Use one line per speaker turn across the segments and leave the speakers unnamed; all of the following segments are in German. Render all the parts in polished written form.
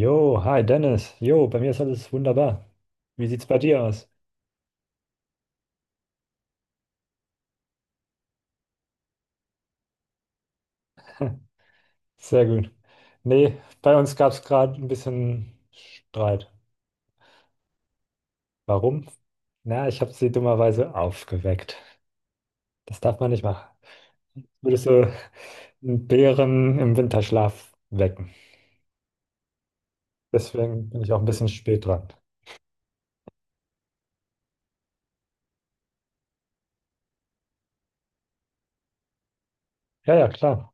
Jo, hi Dennis. Jo, bei mir ist alles wunderbar. Wie sieht's bei dir aus? Sehr gut. Nee, bei uns gab es gerade ein bisschen Streit. Warum? Na, ich habe sie dummerweise aufgeweckt. Das darf man nicht machen. Würdest du einen Bären im Winterschlaf wecken? Deswegen bin ich auch ein bisschen spät dran. Ja, ja, klar.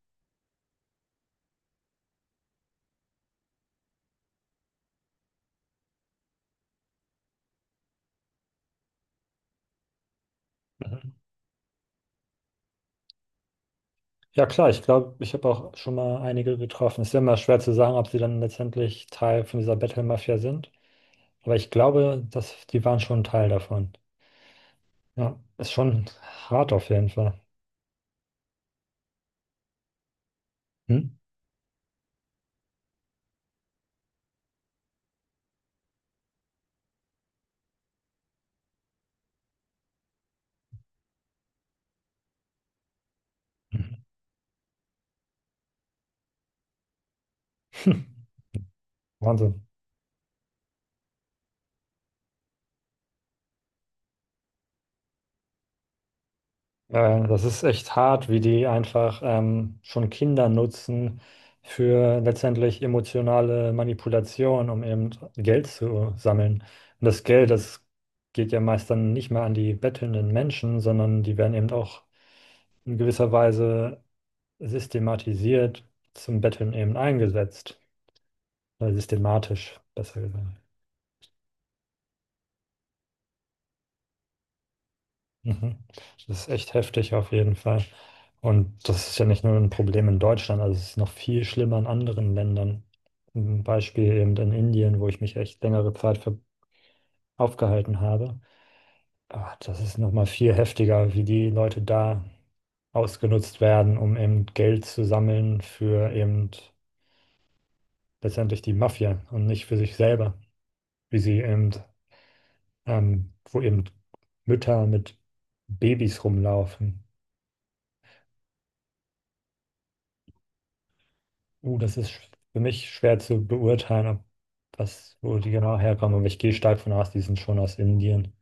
Mhm. Ja, klar, ich glaube, ich habe auch schon mal einige getroffen. Es ist ja immer schwer zu sagen, ob sie dann letztendlich Teil von dieser Battle-Mafia sind. Aber ich glaube, dass die waren schon ein Teil davon. Ja, ist schon hart auf jeden Fall. Hm? Wahnsinn. Das ist echt hart, wie die einfach schon Kinder nutzen für letztendlich emotionale Manipulation, um eben Geld zu sammeln. Und das Geld, das geht ja meist dann nicht mehr an die bettelnden Menschen, sondern die werden eben auch in gewisser Weise systematisiert zum Betteln eben eingesetzt. Oder systematisch, besser gesagt. Mhm. Das ist echt heftig auf jeden Fall. Und das ist ja nicht nur ein Problem in Deutschland, also es ist noch viel schlimmer in anderen Ländern. Ein Beispiel eben in Indien, wo ich mich echt längere Zeit aufgehalten habe. Ah, das ist nochmal viel heftiger, wie die Leute da ausgenutzt werden, um eben Geld zu sammeln für eben letztendlich die Mafia und nicht für sich selber. Wie sie eben, wo eben Mütter mit Babys rumlaufen. Das ist für mich schwer zu beurteilen, ob was, wo die genau herkommen. Aber ich gehe stark von aus, die sind schon aus Indien.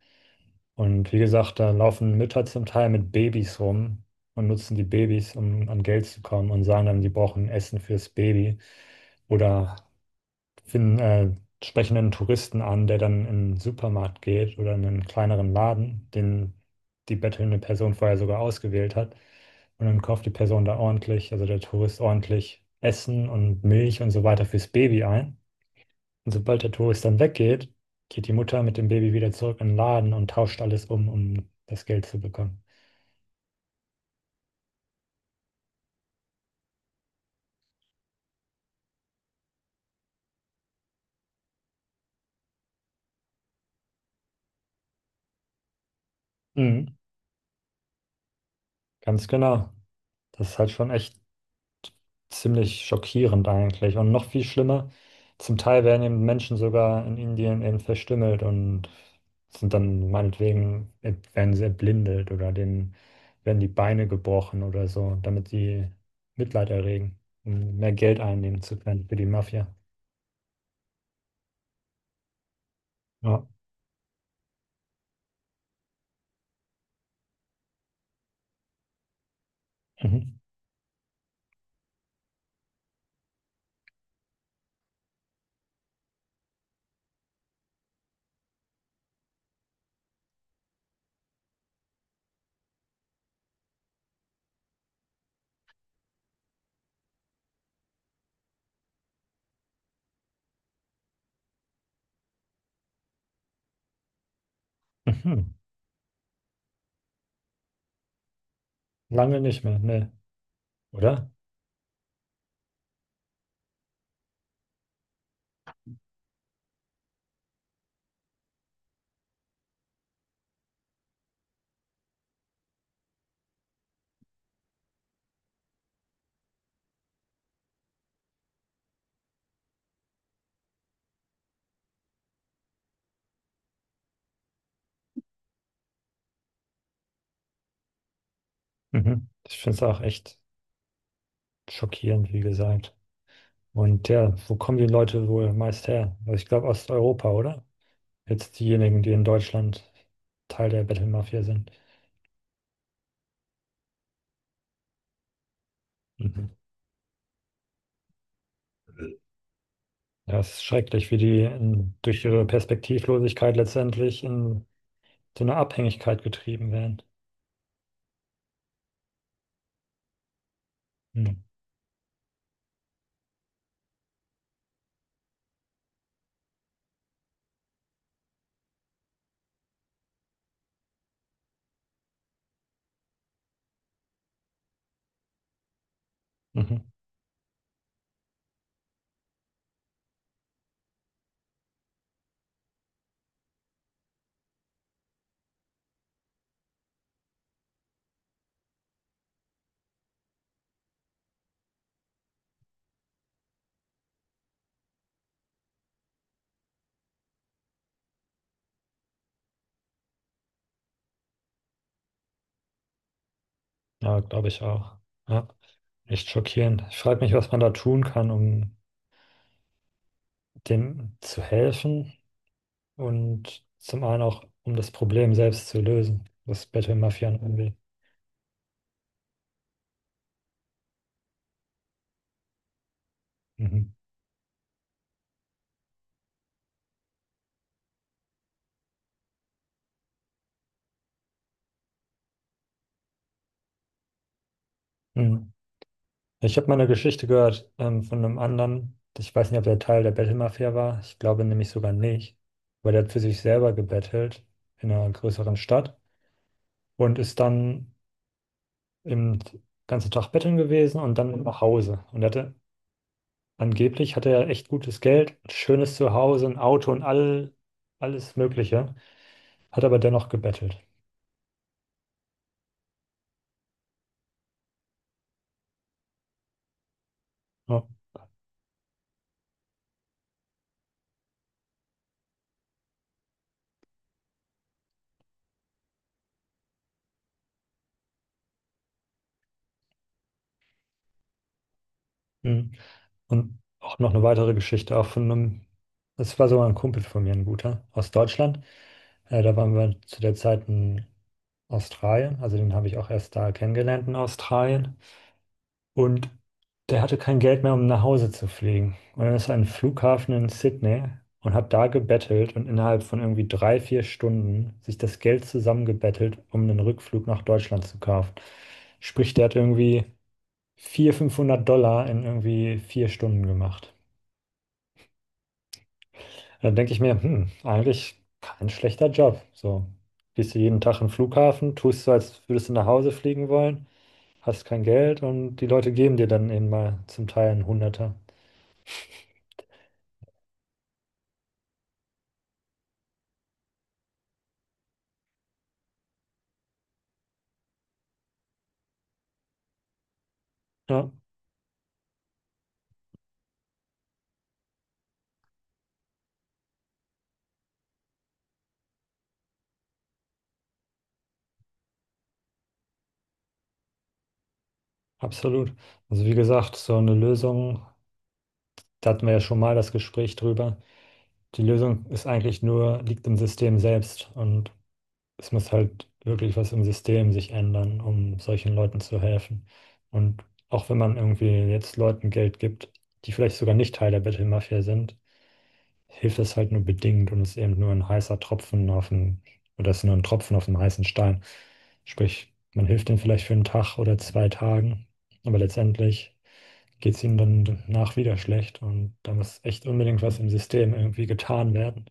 Und wie gesagt, da laufen Mütter zum Teil mit Babys rum und nutzen die Babys, um an Geld zu kommen und sagen dann, die brauchen Essen fürs Baby. Oder finden sprechenden Touristen an, der dann in einen Supermarkt geht oder in einen kleineren Laden, den die bettelnde Person vorher sogar ausgewählt hat. Und dann kauft die Person da ordentlich, also der Tourist ordentlich Essen und Milch und so weiter fürs Baby ein. Und sobald der Tourist dann weggeht, geht die Mutter mit dem Baby wieder zurück in den Laden und tauscht alles um, um das Geld zu bekommen. Mhm, ganz genau. Das ist halt schon echt ziemlich schockierend eigentlich. Und noch viel schlimmer, zum Teil werden eben Menschen sogar in Indien eben verstümmelt und sind dann meinetwegen, werden sie erblindet oder denen werden die Beine gebrochen oder so, damit sie Mitleid erregen, um mehr Geld einnehmen zu können für die Mafia. Ja. Mhm. Mhm. Lange nicht mehr, ne? Oder? Mhm. Ich finde es auch echt schockierend, wie gesagt. Und ja, wo kommen die Leute wohl meist her? Also ich glaube Osteuropa, oder? Jetzt diejenigen, die in Deutschland Teil der Bettelmafia sind. Mhm. Ja, es ist schrecklich, wie die in, durch ihre Perspektivlosigkeit letztendlich in so eine Abhängigkeit getrieben werden. Mhm. Mhm. Ja, glaube ich auch. Ja, echt schockierend. Ich frage mich, was man da tun kann, um dem zu helfen und zum einen auch, um das Problem selbst zu lösen, das Bettelmafian irgendwie. Mhm. Mhm. Ich habe mal eine Geschichte gehört von einem anderen. Ich weiß nicht, ob der Teil der Bettelmafia war. Ich glaube nämlich sogar nicht. Weil der hat für sich selber gebettelt in einer größeren Stadt und ist dann im ganzen Tag betteln gewesen und dann nach Hause. Und er hatte angeblich hatte er echt gutes Geld, ein schönes Zuhause, ein Auto und alles Mögliche. Hat aber dennoch gebettelt. Ja. Mhm. Und auch noch eine weitere Geschichte, auch von einem, das war sogar ein Kumpel von mir, ein guter, aus Deutschland. Da waren wir zu der Zeit in Australien, also den habe ich auch erst da kennengelernt in Australien. Und der hatte kein Geld mehr, um nach Hause zu fliegen. Und dann ist er an den Flughafen in Sydney und hat da gebettelt und innerhalb von irgendwie 3, 4 Stunden sich das Geld zusammengebettelt, um einen Rückflug nach Deutschland zu kaufen. Sprich, der hat irgendwie 400, 500 Dollar in irgendwie 4 Stunden gemacht. Dann denke ich mir, hm, eigentlich kein schlechter Job. So, gehst du jeden Tag im Flughafen, tust so, als würdest du nach Hause fliegen wollen, hast kein Geld und die Leute geben dir dann eben mal zum Teil einen Hunderter. Ja, absolut. Also wie gesagt, so eine Lösung, da hatten wir ja schon mal das Gespräch drüber. Die Lösung ist eigentlich nur, liegt im System selbst und es muss halt wirklich was im System sich ändern, um solchen Leuten zu helfen. Und auch wenn man irgendwie jetzt Leuten Geld gibt, die vielleicht sogar nicht Teil der Bettelmafia sind, hilft das halt nur bedingt und ist eben nur ein heißer Tropfen auf dem, oder ist nur ein Tropfen auf dem heißen Stein. Sprich, man hilft denen vielleicht für einen Tag oder 2 Tagen, aber letztendlich geht es ihnen dann danach wieder schlecht und da muss echt unbedingt was im System irgendwie getan werden.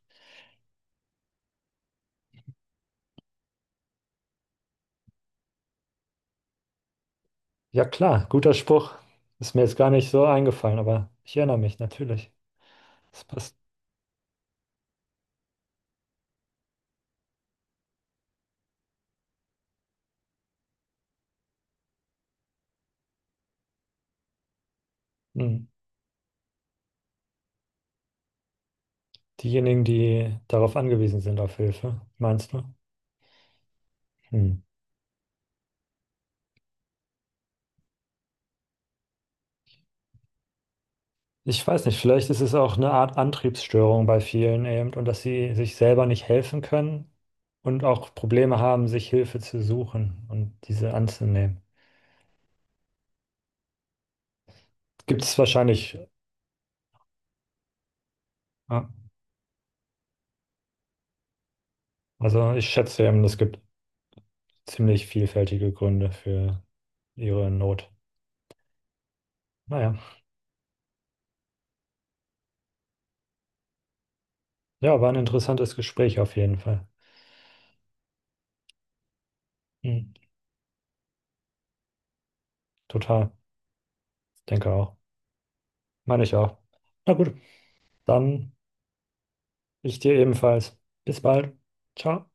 Ja klar, guter Spruch. Ist mir jetzt gar nicht so eingefallen, aber ich erinnere mich natürlich. Das passt. Hm. Diejenigen, die darauf angewiesen sind, auf Hilfe, meinst du? Hm. Ich weiß nicht, vielleicht ist es auch eine Art Antriebsstörung bei vielen eben und dass sie sich selber nicht helfen können und auch Probleme haben, sich Hilfe zu suchen und diese anzunehmen. Gibt es wahrscheinlich, ja. Also ich schätze eben, es gibt ziemlich vielfältige Gründe für ihre Not. Naja. Ja, war ein interessantes Gespräch auf jeden Fall. Mhm. Total, denke auch. Meine ich auch. Na gut, dann ich dir ebenfalls. Bis bald. Ciao.